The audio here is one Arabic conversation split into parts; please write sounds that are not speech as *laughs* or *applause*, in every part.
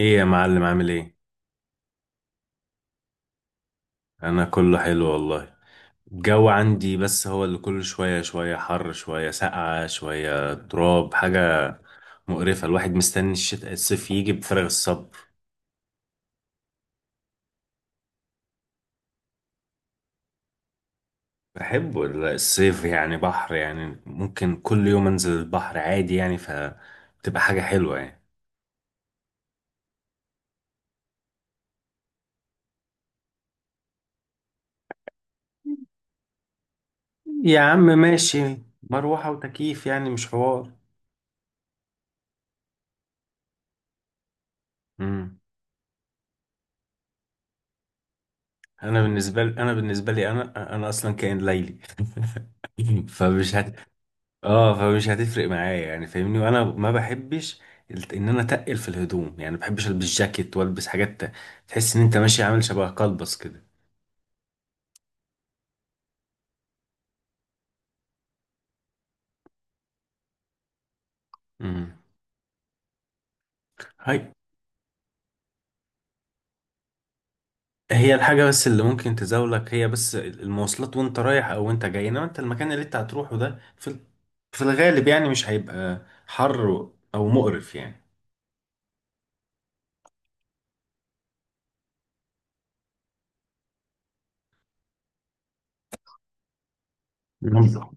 ايه يا معلم، عامل ايه؟ انا كله حلو والله. الجو عندي بس هو اللي كل شوية شوية حر، شوية ساقعة، شوية تراب، حاجة مقرفة. الواحد مستني الشتاء الصيف يجي بفارغ الصبر. بحبه الصيف، يعني بحر، يعني ممكن كل يوم انزل البحر عادي يعني، فبتبقى حاجة حلوة يعني. يا عم ماشي. مروحة وتكييف يعني، مش حوار. امم. انا بالنسبة لي انا بالنسبة لي انا انا اصلا كائن ليلي *laughs* فمش هت اه فمش هتفرق معايا يعني، فاهمني. وانا ما بحبش الت- ان انا اتقل في الهدوم، يعني ما بحبش البس جاكيت والبس حاجات تحس ان انت ماشي عامل شبه قلبص كده. امم. هاي. هي الحاجه بس اللي ممكن تزاولك هي بس المواصلات وانت رايح او وانت جاي، انما انت المكان اللي انت هتروحه ده في في الغالب يعني مش هيبقى حر او مقرف يعني. مم.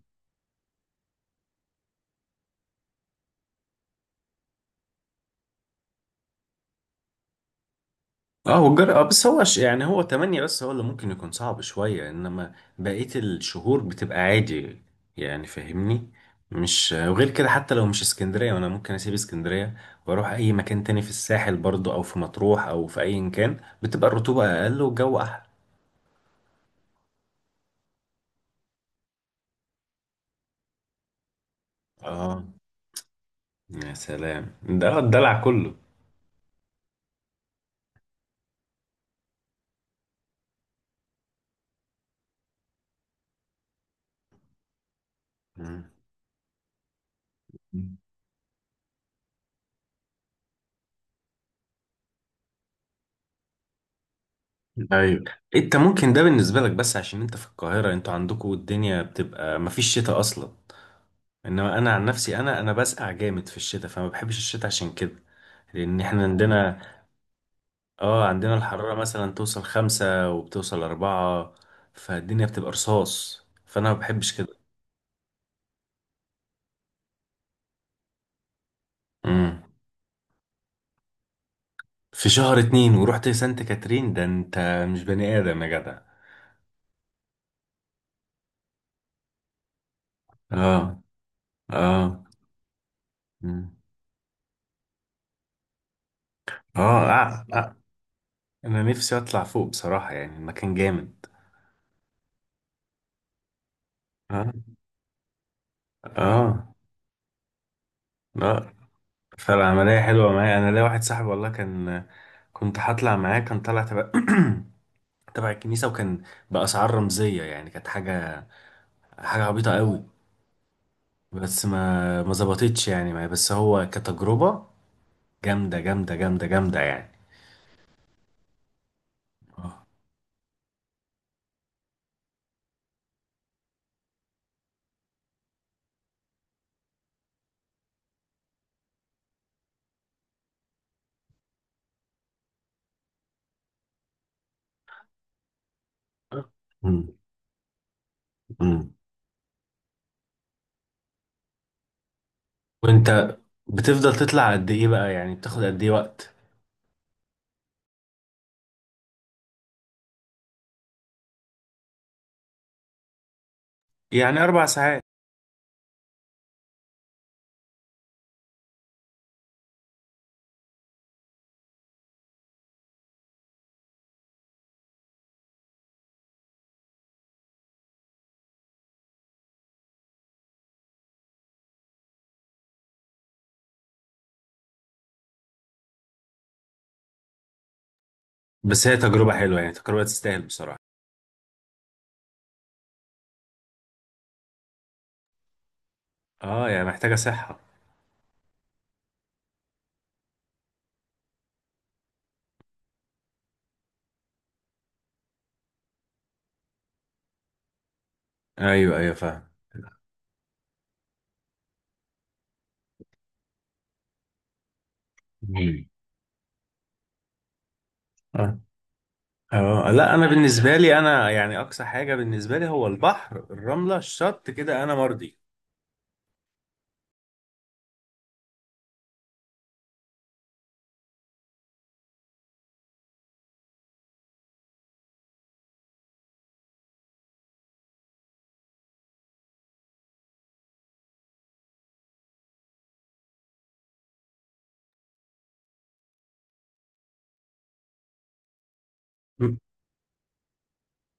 اه، هو الجر. اه بس هو يعني هو تمانية، بس هو اللي ممكن يكون صعب شوية، انما بقية الشهور بتبقى عادي يعني، فاهمني. مش وغير كده حتى لو مش اسكندرية وانا ممكن اسيب اسكندرية واروح اي مكان تاني في الساحل برضو، او في مطروح او في اي مكان، بتبقى الرطوبة اقل والجو احلى. اه. يا سلام، ده الدلع كله. مم. ايوه. انت ممكن ده بالنسبة لك بس عشان انت في القاهرة، انتوا عندكوا الدنيا بتبقى مفيش شتاء اصلا. انما انا عن نفسي انا بسقع جامد في الشتاء، فما بحبش الشتاء عشان كده. لان احنا عندنا. اه، عندنا الحرارة مثلا توصل 5 وبتوصل 4. فالدنيا بتبقى رصاص، فانا ما بحبش كده. امم. في شهر اتنين ورحت سانت كاترين، ده انت مش بني ادم يا جدع. اه اه. مم. اه آه، آه. انا نفسي اطلع فوق بصراحة، يعني المكان جامد. اه اه اه. فالعملية حلوة معايا. أنا ليا واحد صاحبي والله كان، كنت هطلع معاه كان طالع تبع *clears throat* تبع الكنيسة، وكان بأسعار رمزية، يعني كانت حاجة عبيطة قوي. بس ما ظبطتش يعني معايا، بس هو كتجربة جامدة جامدة جامدة جامدة يعني. آه. مم. مم. وأنت بتفضل تطلع قد إيه بقى يعني؟ بتاخد قد إيه وقت؟ يعني 4 ساعات. بس هي تجربة حلوة، يعني تجربة تستاهل بصراحة. اه، يعني محتاجة صحة. ايوه ايوه فاهم. مم. اه لا، انا بالنسبه لي انا، يعني اقصى حاجه بالنسبه لي هو البحر، الرمله الشط كده انا مرضي. م-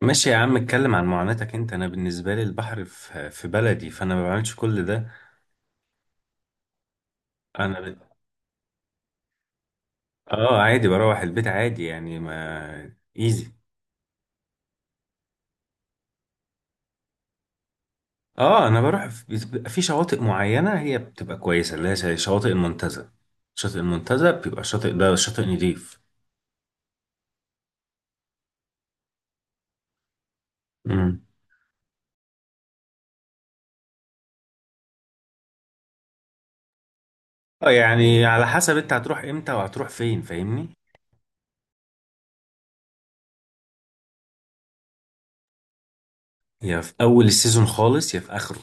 ماشي يا عم اتكلم عن معاناتك انت، انا بالنسبه لي البحر في بلدي، فانا ما بعملش كل ده. انا ب... اه عادي، بروح البيت عادي يعني، ما ايزي. اه، بيبقى في شواطئ معينه هي بتبقى كويسه، اللي هي زي شواطئ المنتزه. شاطئ المنتزه بيبقى الشاطئ ده شاطئ نضيف. امم. اه يعني على حسب انت هتروح امتى وهتروح فين، فاهمني. هي في اول السيزون خالص يا في اخره.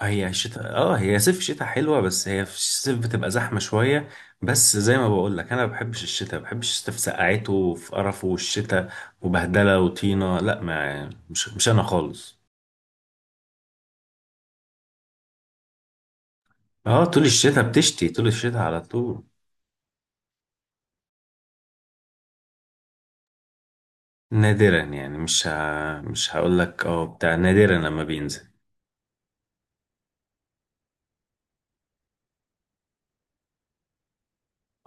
هي صيف شتاء حلوه، بس هي في الصيف بتبقى زحمه شويه. بس زي ما بقول لك انا ما بحبش الشتاء، ما بحبش الشتاء في سقعته وفي قرفه والشتاء وبهدله وطينه، لا، ما مش انا خالص. اه، طول الشتاء بتشتي، طول الشتاء على طول. نادرا، يعني مش هقول لك اه بتاع، نادرا لما بينزل.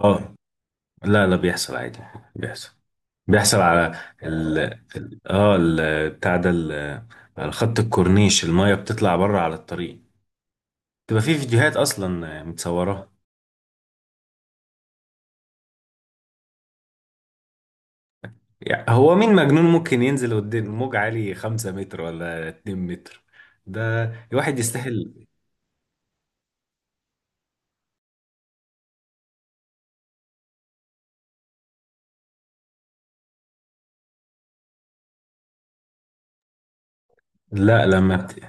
اه لا لا، بيحصل عادي، بيحصل بيحصل على، اه الخط الكورنيش المايه بتطلع بره على الطريق، تبقى في فيديوهات اصلا متصوراها. يعني هو مين مجنون ممكن ينزل قدام موج عالي 5 متر ولا 2 متر؟ ده الواحد يستاهل. لا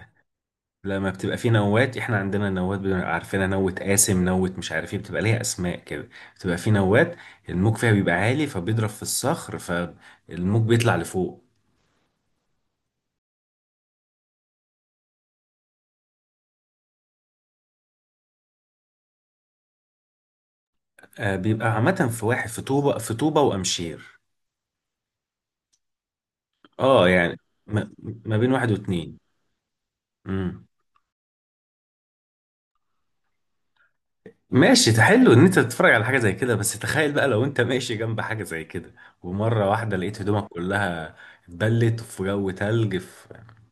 لما بتبقى في نوات، احنا عندنا نوات بنبقى عارفينها، نوة قاسم، نوة مش عارف ايه، بتبقى ليها اسماء كده. بتبقى في نوات الموج فيها بيبقى عالي، فبيضرب في الصخر فالموج بيطلع لفوق. آه، بيبقى عامة في واحد في طوبة، في طوبة وأمشير. اه يعني ما, ما بين واحد واتنين. امم. ماشي، ده حلو ان انت تتفرج على حاجه زي كده، بس تخيل بقى لو انت ماشي جنب حاجه زي كده ومره واحده لقيت هدومك كلها اتبلت في جو تلج، في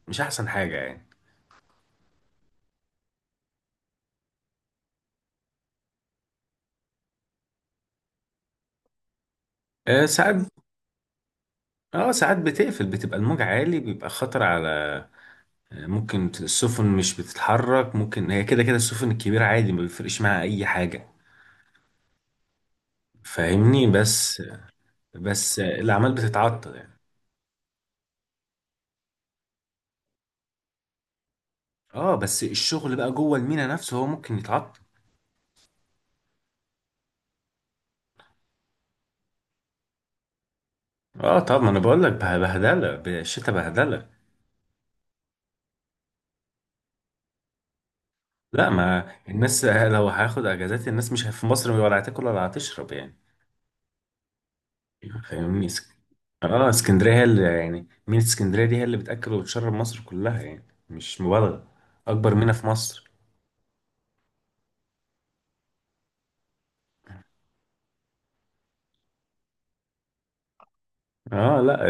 مش احسن حاجه يعني. آه ساعات. اه ساعات بتقفل، بتبقى الموج عالي بيبقى خطر على، آه، ممكن السفن مش بتتحرك، ممكن هي كده كده السفن الكبيره عادي ما بيفرقش معاها اي حاجه، فاهمني، بس الاعمال بتتعطل يعني. اه بس الشغل بقى جوه المينا نفسه هو ممكن يتعطل. اه طب ما انا بقول لك بهدله، بالشتا بهدله. لا، ما الناس لو هاخد اجازات الناس مش في مصر ولا هتاكل ولا هتشرب يعني، فاهمني. اه، اسكندريه هي اللي يعني، مينا اسكندريه دي هي اللي بتاكل وتشرب مصر كلها يعني، مش مبالغه. اكبر مينا في مصر. اه لا،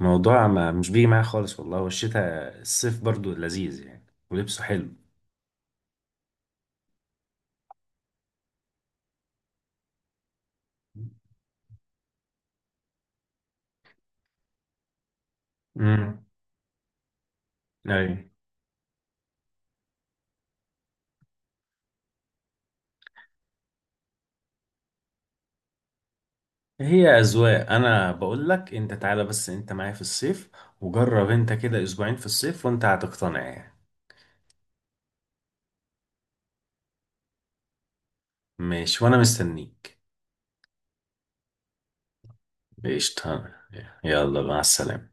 الموضوع ما مش بيجي معايا خالص والله، والشتاء الصيف برضو لذيذ يعني ولبسه حلو. امم. هي أذواق، أنا بقول لك أنت تعالى بس أنت معايا في الصيف وجرب أنت كده أسبوعين في الصيف، وأنت هتقتنع يعني. ماشي وأنا مستنيك. قشطة. يلا مع السلامة.